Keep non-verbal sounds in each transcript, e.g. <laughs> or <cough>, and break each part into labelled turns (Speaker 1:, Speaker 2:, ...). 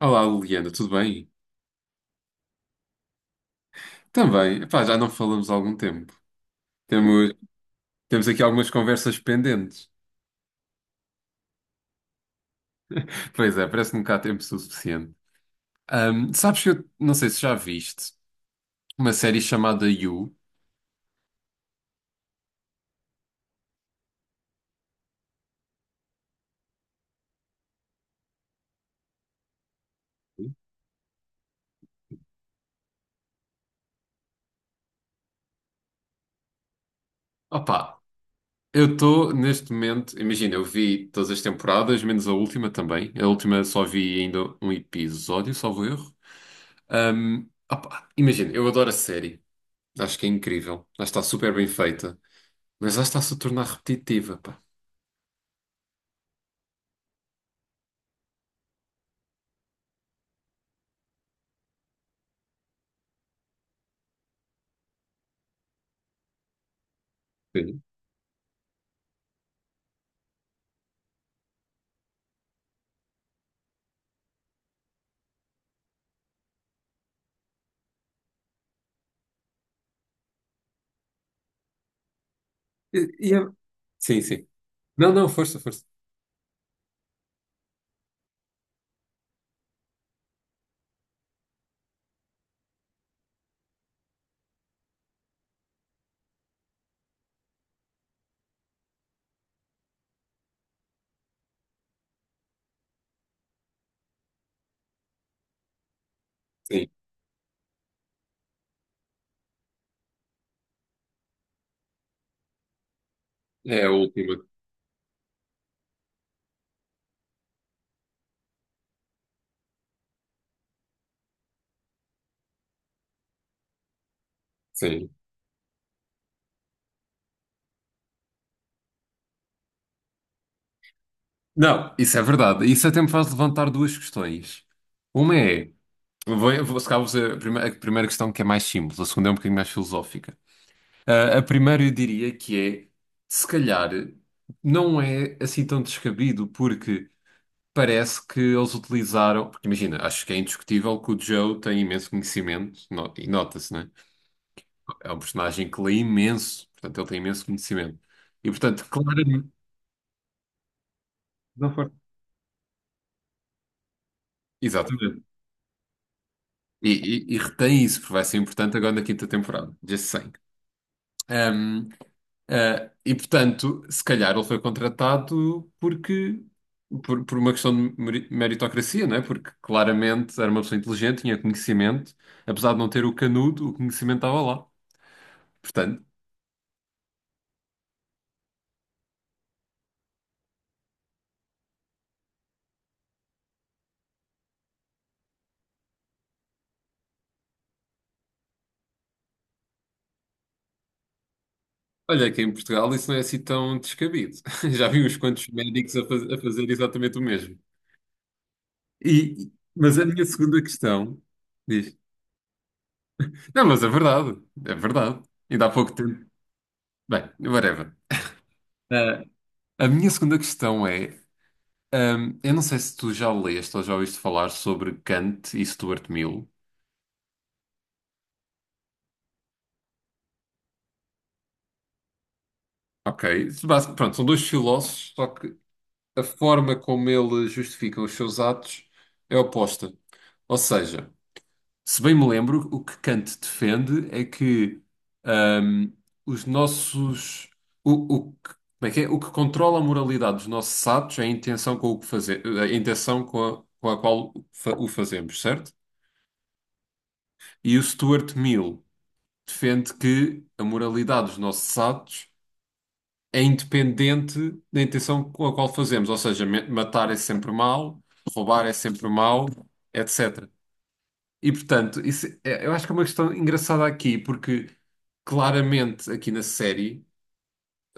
Speaker 1: Olá, Liliana, tudo bem? Também. Epá, já não falamos há algum tempo. Temos, Temos aqui algumas conversas pendentes. <laughs> Pois é, parece que nunca há tempo suficiente. Sabes que eu não sei se já viste uma série chamada You. Opa, eu estou neste momento, imagina, eu vi todas as temporadas, menos a última também. A última só vi ainda um episódio, salvo erro. Imagina, eu adoro a série. Acho que é incrível. Acho que está super bem feita. Mas acho que está-se a tornar repetitiva, pá. Sim. E, é. Sim, sim. Não, não, força, força. Sim, é a última. Sim. Não, isso é verdade. Isso até me faz levantar duas questões. Uma é, se calhar vou fazer a primeira questão, que é mais simples. A segunda é um bocadinho mais filosófica. Ah, a primeira eu diria que é, se calhar, não é assim tão descabido, porque parece que eles utilizaram. Porque imagina, acho que é indiscutível que o Joe tem imenso conhecimento, e nota-se, né? É um personagem que lê imenso, portanto, ele tem imenso conhecimento. E, portanto, claro, não for. Exatamente. E, e retém isso, porque vai ser importante agora na quinta temporada. Just saying. Um, e portanto, se calhar ele foi contratado porque por uma questão de meritocracia, não é? Porque claramente era uma pessoa inteligente, tinha conhecimento, apesar de não ter o canudo, o conhecimento estava lá. Portanto, olha que em Portugal isso não é assim tão descabido. <laughs> Já vi uns quantos médicos a, a fazer exatamente o mesmo. E, mas a minha segunda questão, diz. Não, mas é verdade, é verdade. E dá pouco tempo. Bem, whatever. Ah, a minha segunda questão é: eu não sei se tu já leste ou já ouviste falar sobre Kant e Stuart Mill. Ok. Pronto, são dois filósofos, só que a forma como eles justificam os seus atos é oposta. Ou seja, se bem me lembro, o que Kant defende é que ahm, os nossos. O, o que, como é que é? O que controla a moralidade dos nossos atos é a intenção com o que fazer, a intenção com a qual o fazemos, certo? E o Stuart Mill defende que a moralidade dos nossos atos é independente da intenção com a qual fazemos, ou seja, matar é sempre mal, roubar é sempre mal, etc. E portanto, eu acho que é uma questão engraçada aqui, porque claramente aqui na série,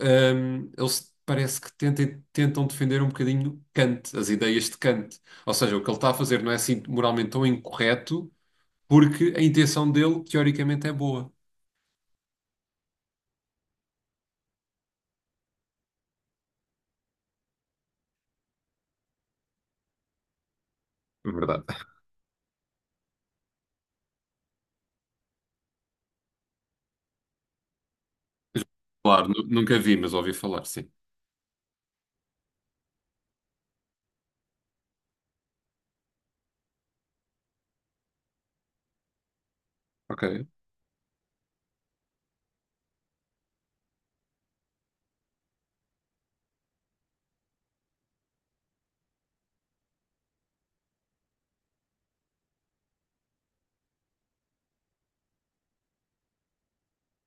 Speaker 1: eles tentam defender um bocadinho Kant, as ideias de Kant. Ou seja, o que ele está a fazer não é assim moralmente tão incorreto, porque a intenção dele teoricamente é boa. Verdade. Claro, nunca vi, mas ouvi falar, sim. Ok,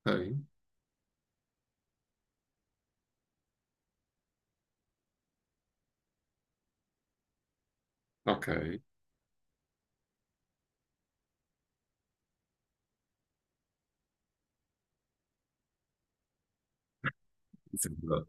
Speaker 1: ok, ok. Isso é verdade.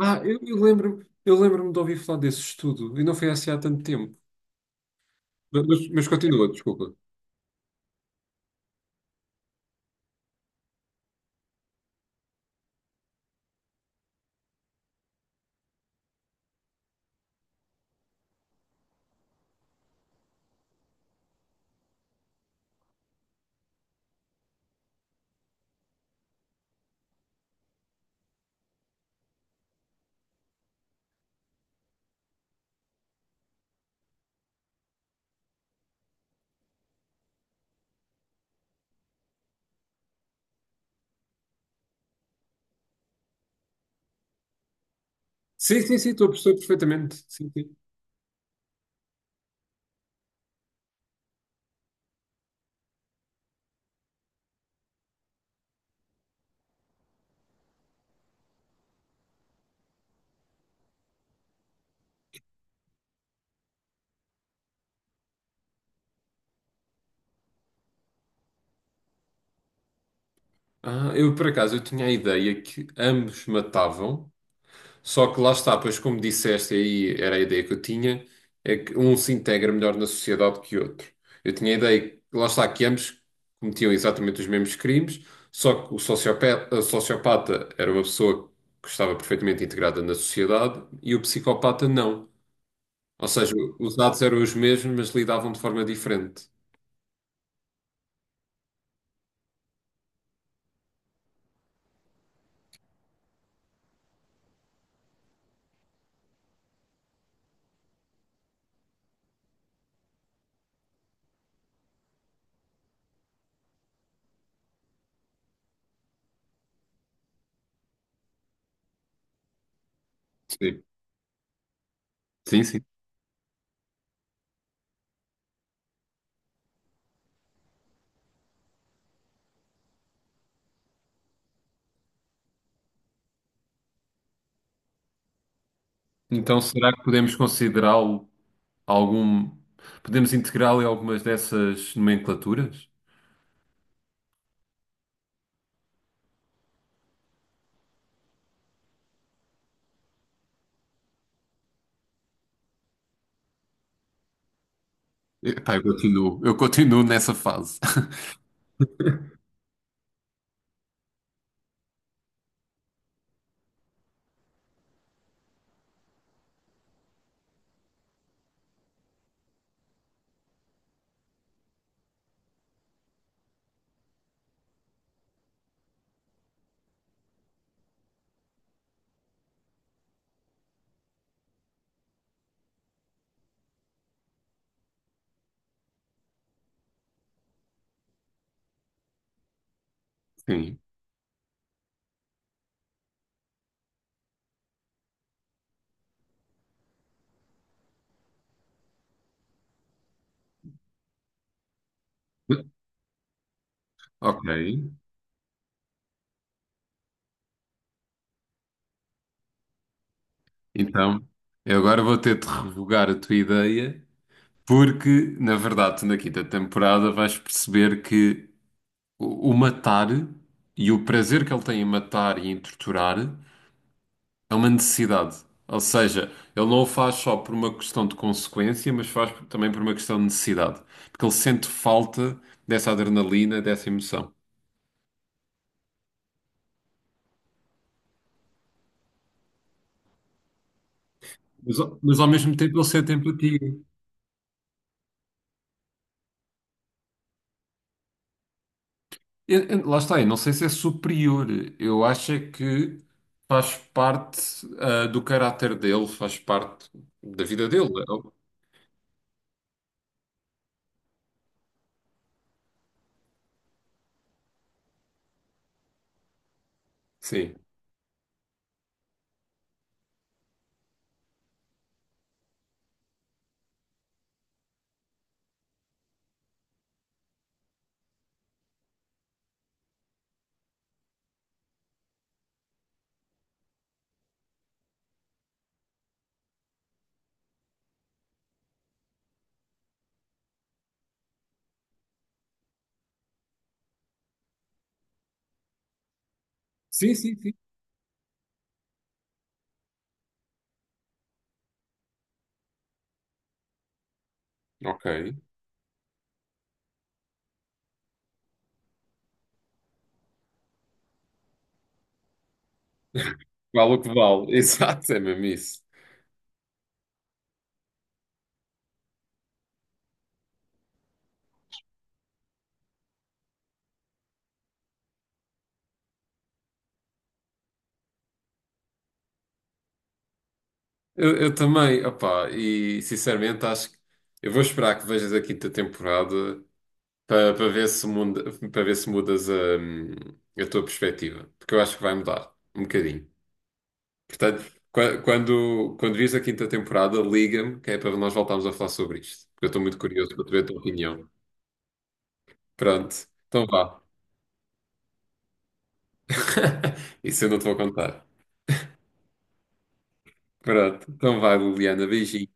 Speaker 1: Eu lembro, eu lembro-me de ouvir falar desse estudo, e não foi assim há tanto tempo. Mas continua, desculpa. Sim, sim, sim, estou a perceber perfeitamente. Sim, sim. Ah, eu Por acaso eu tinha a ideia que ambos matavam, só que lá está, pois como disseste aí, era a ideia que eu tinha, é que um se integra melhor na sociedade que o outro. Eu tinha a ideia, que, lá está, que ambos cometiam exatamente os mesmos crimes, só que o sociopata era uma pessoa que estava perfeitamente integrada na sociedade e o psicopata não. Ou seja, os dados eram os mesmos, mas lidavam de forma diferente. Sim, sim, sim. Então, será que podemos considerá-lo algum. Podemos integrá-lo em algumas dessas nomenclaturas? Epá, eu continuo nessa fase. <laughs> Sim. Ok. Então, eu agora vou ter de revogar a tua ideia, porque, na verdade, tu na quinta temporada vais perceber que o matar e o prazer que ele tem em matar e em torturar. É uma necessidade. Ou seja, ele não o faz só por uma questão de consequência, mas faz também por uma questão de necessidade. Porque ele sente falta dessa adrenalina, dessa emoção. Mas, mas ao mesmo tempo ele sente empatia. Lá está, eu não sei se é superior. Eu acho é que faz parte, do caráter dele, faz parte da vida dele. Sim. Sim, sim, sim. Ok. Vale o que vale. <laughs> Exato, é mesmo isso. Eu também, opá, e sinceramente acho que eu vou esperar que vejas a quinta temporada para ver se muda, para ver se mudas a tua perspectiva, porque eu acho que vai mudar um bocadinho. Portanto, quando vires a quinta temporada, liga-me, que é para nós voltarmos a falar sobre isto, porque eu estou muito curioso para te ver a tua opinião. Pronto, então vá. <laughs> Isso eu não te vou contar. Pronto, então vá, Liliana, beijinho,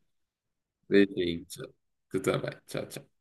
Speaker 1: beijinho, tchau. Tu também, tchau, tchau.